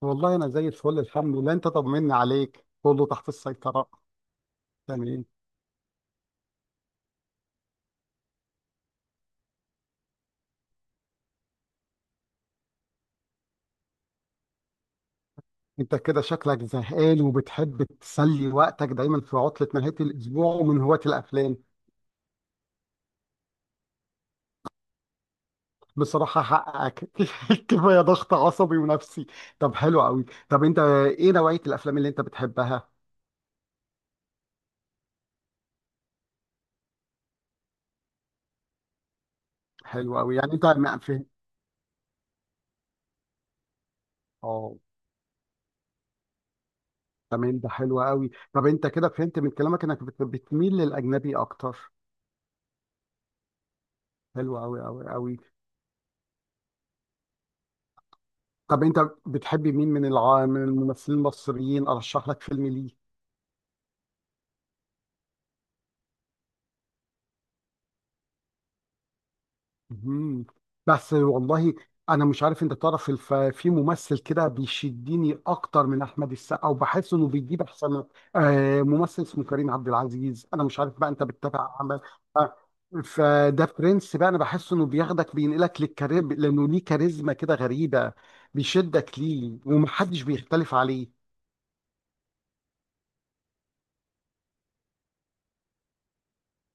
والله انا زي الفل الحمد لله. انت طمني عليك، كله تحت السيطرة. تمام. انت كده شكلك زهقان وبتحب تسلي وقتك دايما في عطلة نهاية الاسبوع ومن هواة الافلام. بصراحة حقك. كفاية ضغط عصبي ونفسي. طب حلو قوي، طب انت ايه نوعية الافلام اللي انت بتحبها؟ حلو قوي، يعني انت ما فهم. اه تمام، ده حلو قوي. طب انت كده فهمت من كلامك انك بتميل للاجنبي اكتر. حلو قوي قوي قوي. طب انت بتحبي مين من من الممثلين المصريين ارشح لك فيلم ليه؟ مهم. بس والله انا مش عارف انت تعرف في ممثل كده بيشدني اكتر من احمد السقا، وبحس انه بيجيب احسن آه، ممثل اسمه كريم عبد العزيز. انا مش عارف بقى انت بتتابع عمل. آه. فده برنس بقى، انا بحس انه بياخدك بينقلك للكارير لانه ليه كاريزما كده غريبة، بيشدك ليه ومحدش بيختلف عليه.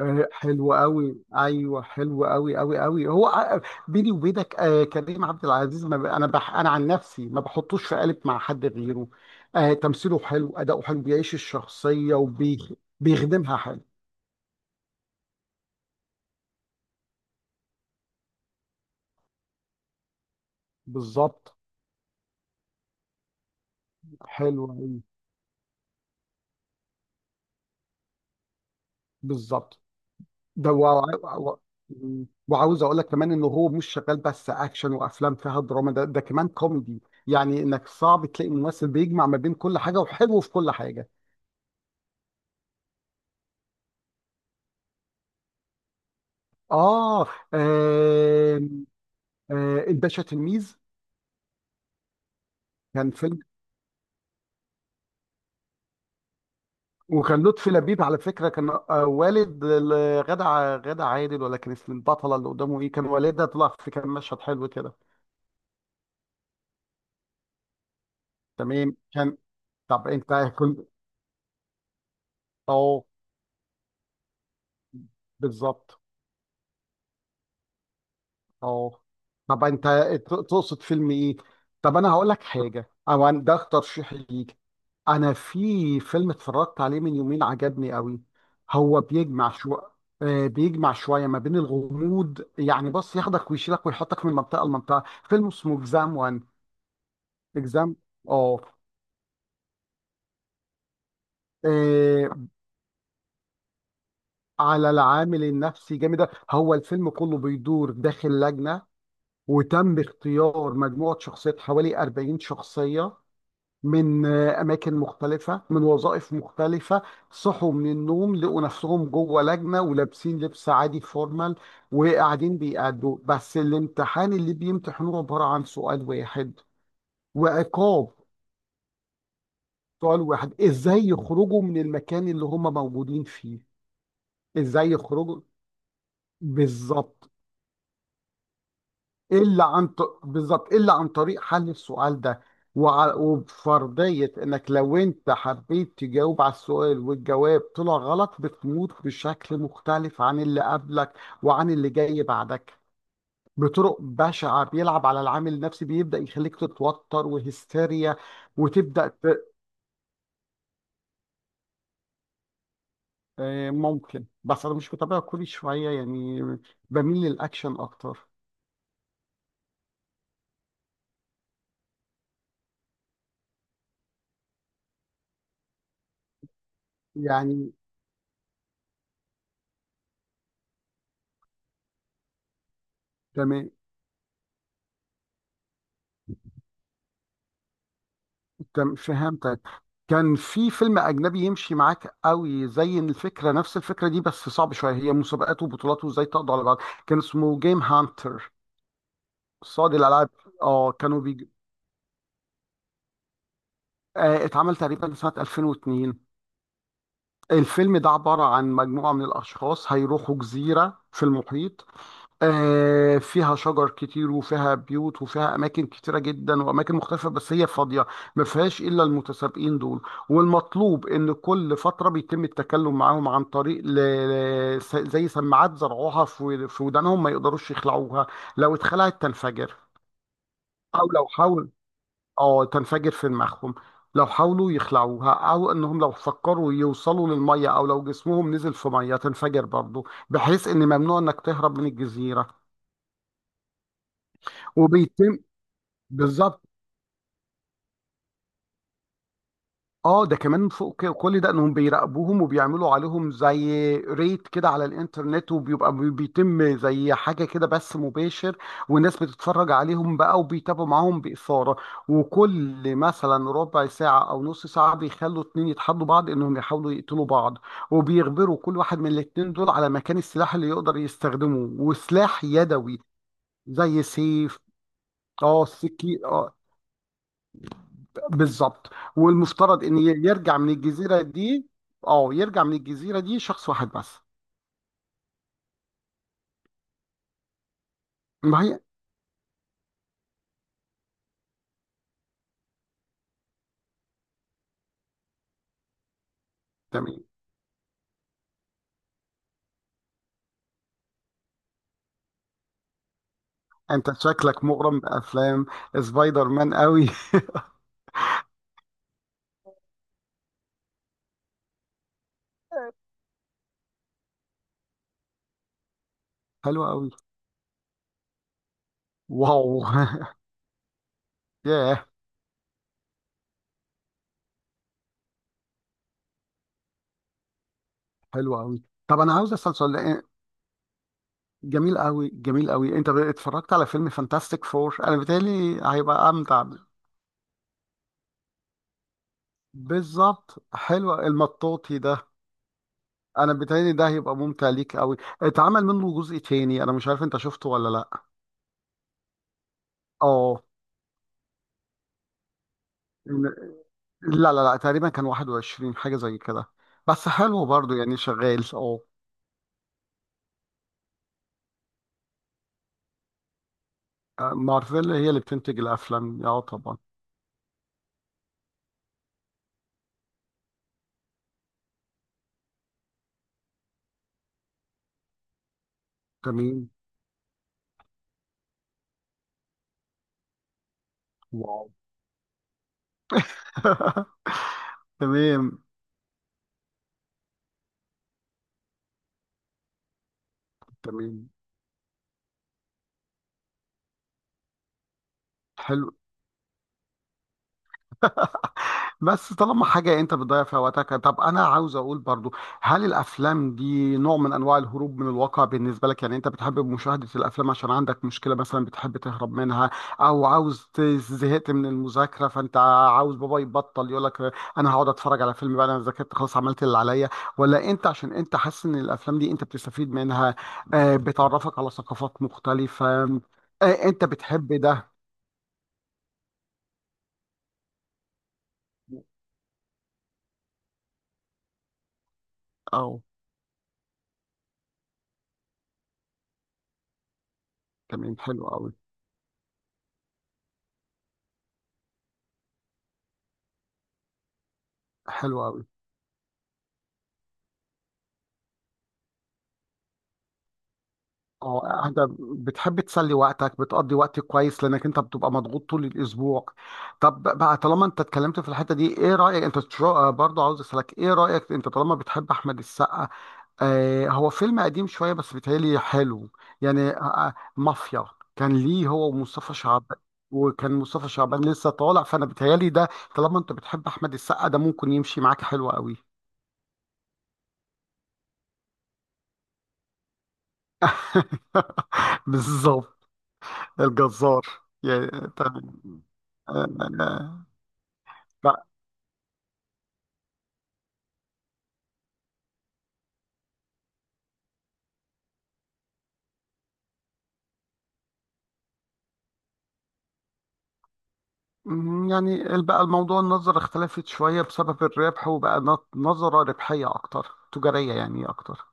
آه، حلو قوي، ايوه حلو قوي قوي قوي. بيني وبينك آه، كريم عبد العزيز ما ب... انا بح... انا عن نفسي ما بحطوش في قالب مع حد غيره. آه، تمثيله حلو، اداؤه حلو، بيعيش الشخصيه وبيخدمها حلو. بالظبط، حلو قوي. بالظبط. ده وع... وع... وعاوز اقول لك كمان انه هو مش شغال بس اكشن وافلام فيها دراما، ده كمان كوميدي. يعني انك صعب تلاقي ممثل بيجمع ما بين كل حاجه وحلو في كل حاجه. اه آه، آه، الباشا تلميذ كان فيلم. وكان لطفي لبيب على فكره، كان آه، والد غادة عادل، ولا كان اسم البطله اللي قدامه ايه، كان والدها طلع في، كان مشهد حلو كده. تمام كان. طب انت كنت، اه بالظبط اه. طب انت تقصد فيلم ايه؟ طب انا هقول لك حاجه، ده ترشيحي ليك. انا في فيلم اتفرجت عليه من يومين عجبني قوي. هو بيجمع شو، آه، بيجمع شويه ما بين الغموض. يعني بص، ياخدك ويشيلك ويحطك من منطقه لمنطقه. فيلم اسمه اكزام وان. اكزام اه. آه، على العامل النفسي جامد ده. هو الفيلم كله بيدور داخل لجنه، وتم اختيار مجموعه شخصيات حوالي 40 شخصيه من آه، أماكن مختلفة، من وظائف مختلفة. صحوا من النوم لقوا نفسهم جوه لجنة ولابسين لبس عادي فورمال، وقاعدين بيأدوا بس. الامتحان اللي بيمتحنوه عبارة عن سؤال واحد وعقاب. سؤال واحد، إزاي يخرجوا من المكان اللي هم موجودين فيه. إزاي يخرجوا، بالظبط. بالظبط، الا عن طريق حل السؤال ده. وبفرضيه انك لو انت حبيت تجاوب على السؤال والجواب طلع غلط، بتموت بشكل مختلف عن اللي قبلك وعن اللي جاي بعدك، بطرق بشعه. بيلعب على العامل النفسي، بيبدا يخليك تتوتر وهستيريا، وتبدا آه، ممكن بس انا مش متابع كل شويه، يعني بميل للاكشن اكتر. يعني تمام، تم فهمتك. كان في فيلم أجنبي يمشي معاك قوي زي الفكرة، نفس الفكرة دي بس صعب شوية، هي مسابقات وبطولات وازاي تقضي على بعض. كان اسمه جيم هانتر، صاد الألعاب. اه كانوا آه اتعمل تقريبا سنة 2002. الفيلم ده عبارة عن مجموعة من الأشخاص هيروحوا جزيرة في المحيط، آه، فيها شجر كتير وفيها بيوت وفيها أماكن كتيرة جدا وأماكن مختلفة، بس هي فاضية، ما فيهاش إلا المتسابقين دول. والمطلوب إن كل فترة بيتم التكلم معاهم عن طريق زي سماعات زرعوها في ودانهم، ما يقدروش يخلعوها، لو اتخلعت تنفجر. أو لو حاول، اه تنفجر في دماغهم. لو حاولوا يخلعوها، او انهم لو فكروا يوصلوا للميه او لو جسمهم نزل في ميه، تنفجر برضه، بحيث ان ممنوع انك تهرب من الجزيره. وبيتم، بالظبط. اه ده كمان فوق كل ده انهم بيراقبوهم وبيعملوا عليهم زي ريت كده على الانترنت، وبيبقى بيتم زي حاجه كده بث مباشر، والناس بتتفرج عليهم بقى وبيتابعوا معاهم باثاره. وكل مثلا ربع ساعه او نص ساعه بيخلوا اتنين يتحدوا بعض انهم يحاولوا يقتلوا بعض، وبيخبروا كل واحد من الاتنين دول على مكان السلاح اللي يقدر يستخدمه، وسلاح يدوي زي سيف، اه سكين، بالظبط. والمفترض ان يرجع من الجزيره دي، اه يرجع من الجزيره دي شخص واحد بس. ما هي تمام. انت شكلك مغرم بافلام سبايدر مان قوي. حلو قوي. واو، ياه. حلو قوي. طب انا عاوز اسال سؤال، جميل قوي جميل قوي. انت اتفرجت على فيلم فانتاستيك فور؟ انا بيتهيألي هيبقى امتع. بالظبط، حلو المطاطي ده. انا بيتهيألي ده هيبقى ممتع ليك قوي. اتعمل منه جزء تاني، انا مش عارف انت شفته ولا لا. اه لا تقريبا كان 21 حاجة زي كده، بس حلو برضو يعني شغال اه. مارفل هي اللي بتنتج الأفلام، اه طبعا. تمام. واو. تمام تمام، حلو. بس طالما حاجة انت بتضيع فيها وقتك، طب انا عاوز اقول برضو، هل الافلام دي نوع من انواع الهروب من الواقع بالنسبة لك؟ يعني انت بتحب مشاهدة الافلام عشان عندك مشكلة مثلا بتحب تهرب منها، او عاوز زهقت من المذاكرة، فانت عاوز بابا يبطل يقول لك انا هقعد اتفرج على فيلم بقى، انا ذاكرت خلاص عملت اللي عليا؟ ولا انت عشان انت حاسس ان الافلام دي انت بتستفيد منها، آه، بتعرفك على ثقافات مختلفة، آه، انت بتحب ده؟ او تمام، حلو قوي حلو قوي. اه انت بتحب تسلي وقتك، بتقضي وقت كويس لانك انت بتبقى مضغوط طول الاسبوع. طب بقى طالما انت اتكلمت في الحته دي، ايه رايك انت برضه عاوز اسالك، ايه رايك انت طالما بتحب احمد السقا؟ آه هو فيلم قديم شويه بس بيتهيألي حلو. يعني آه، آه، مافيا، كان ليه هو ومصطفى شعبان، وكان مصطفى شعبان لسه طالع فانا بيتهيألي ده طالما انت بتحب احمد السقا ده ممكن يمشي معاك حلو قوي. بالظبط، الجزار يعني. تمام آه، آه، آه. بقى، مم، يعني بقى الموضوع النظرة اختلفت شوية بسبب الربح، وبقى نظرة ربحية أكتر، تجارية يعني أكتر.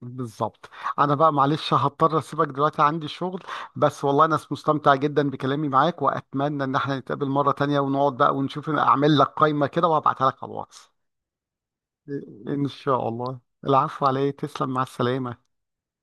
بالظبط. أنا بقى معلش هضطر أسيبك دلوقتي، عندي شغل، بس والله أنا مستمتع جدا بكلامي معاك، وأتمنى إن احنا نتقابل مرة تانية ونقعد بقى ونشوف، أعمل لك قايمة كده وهبعتها لك على الواتس. إن شاء الله، العفو عليك، تسلم، مع السلامة.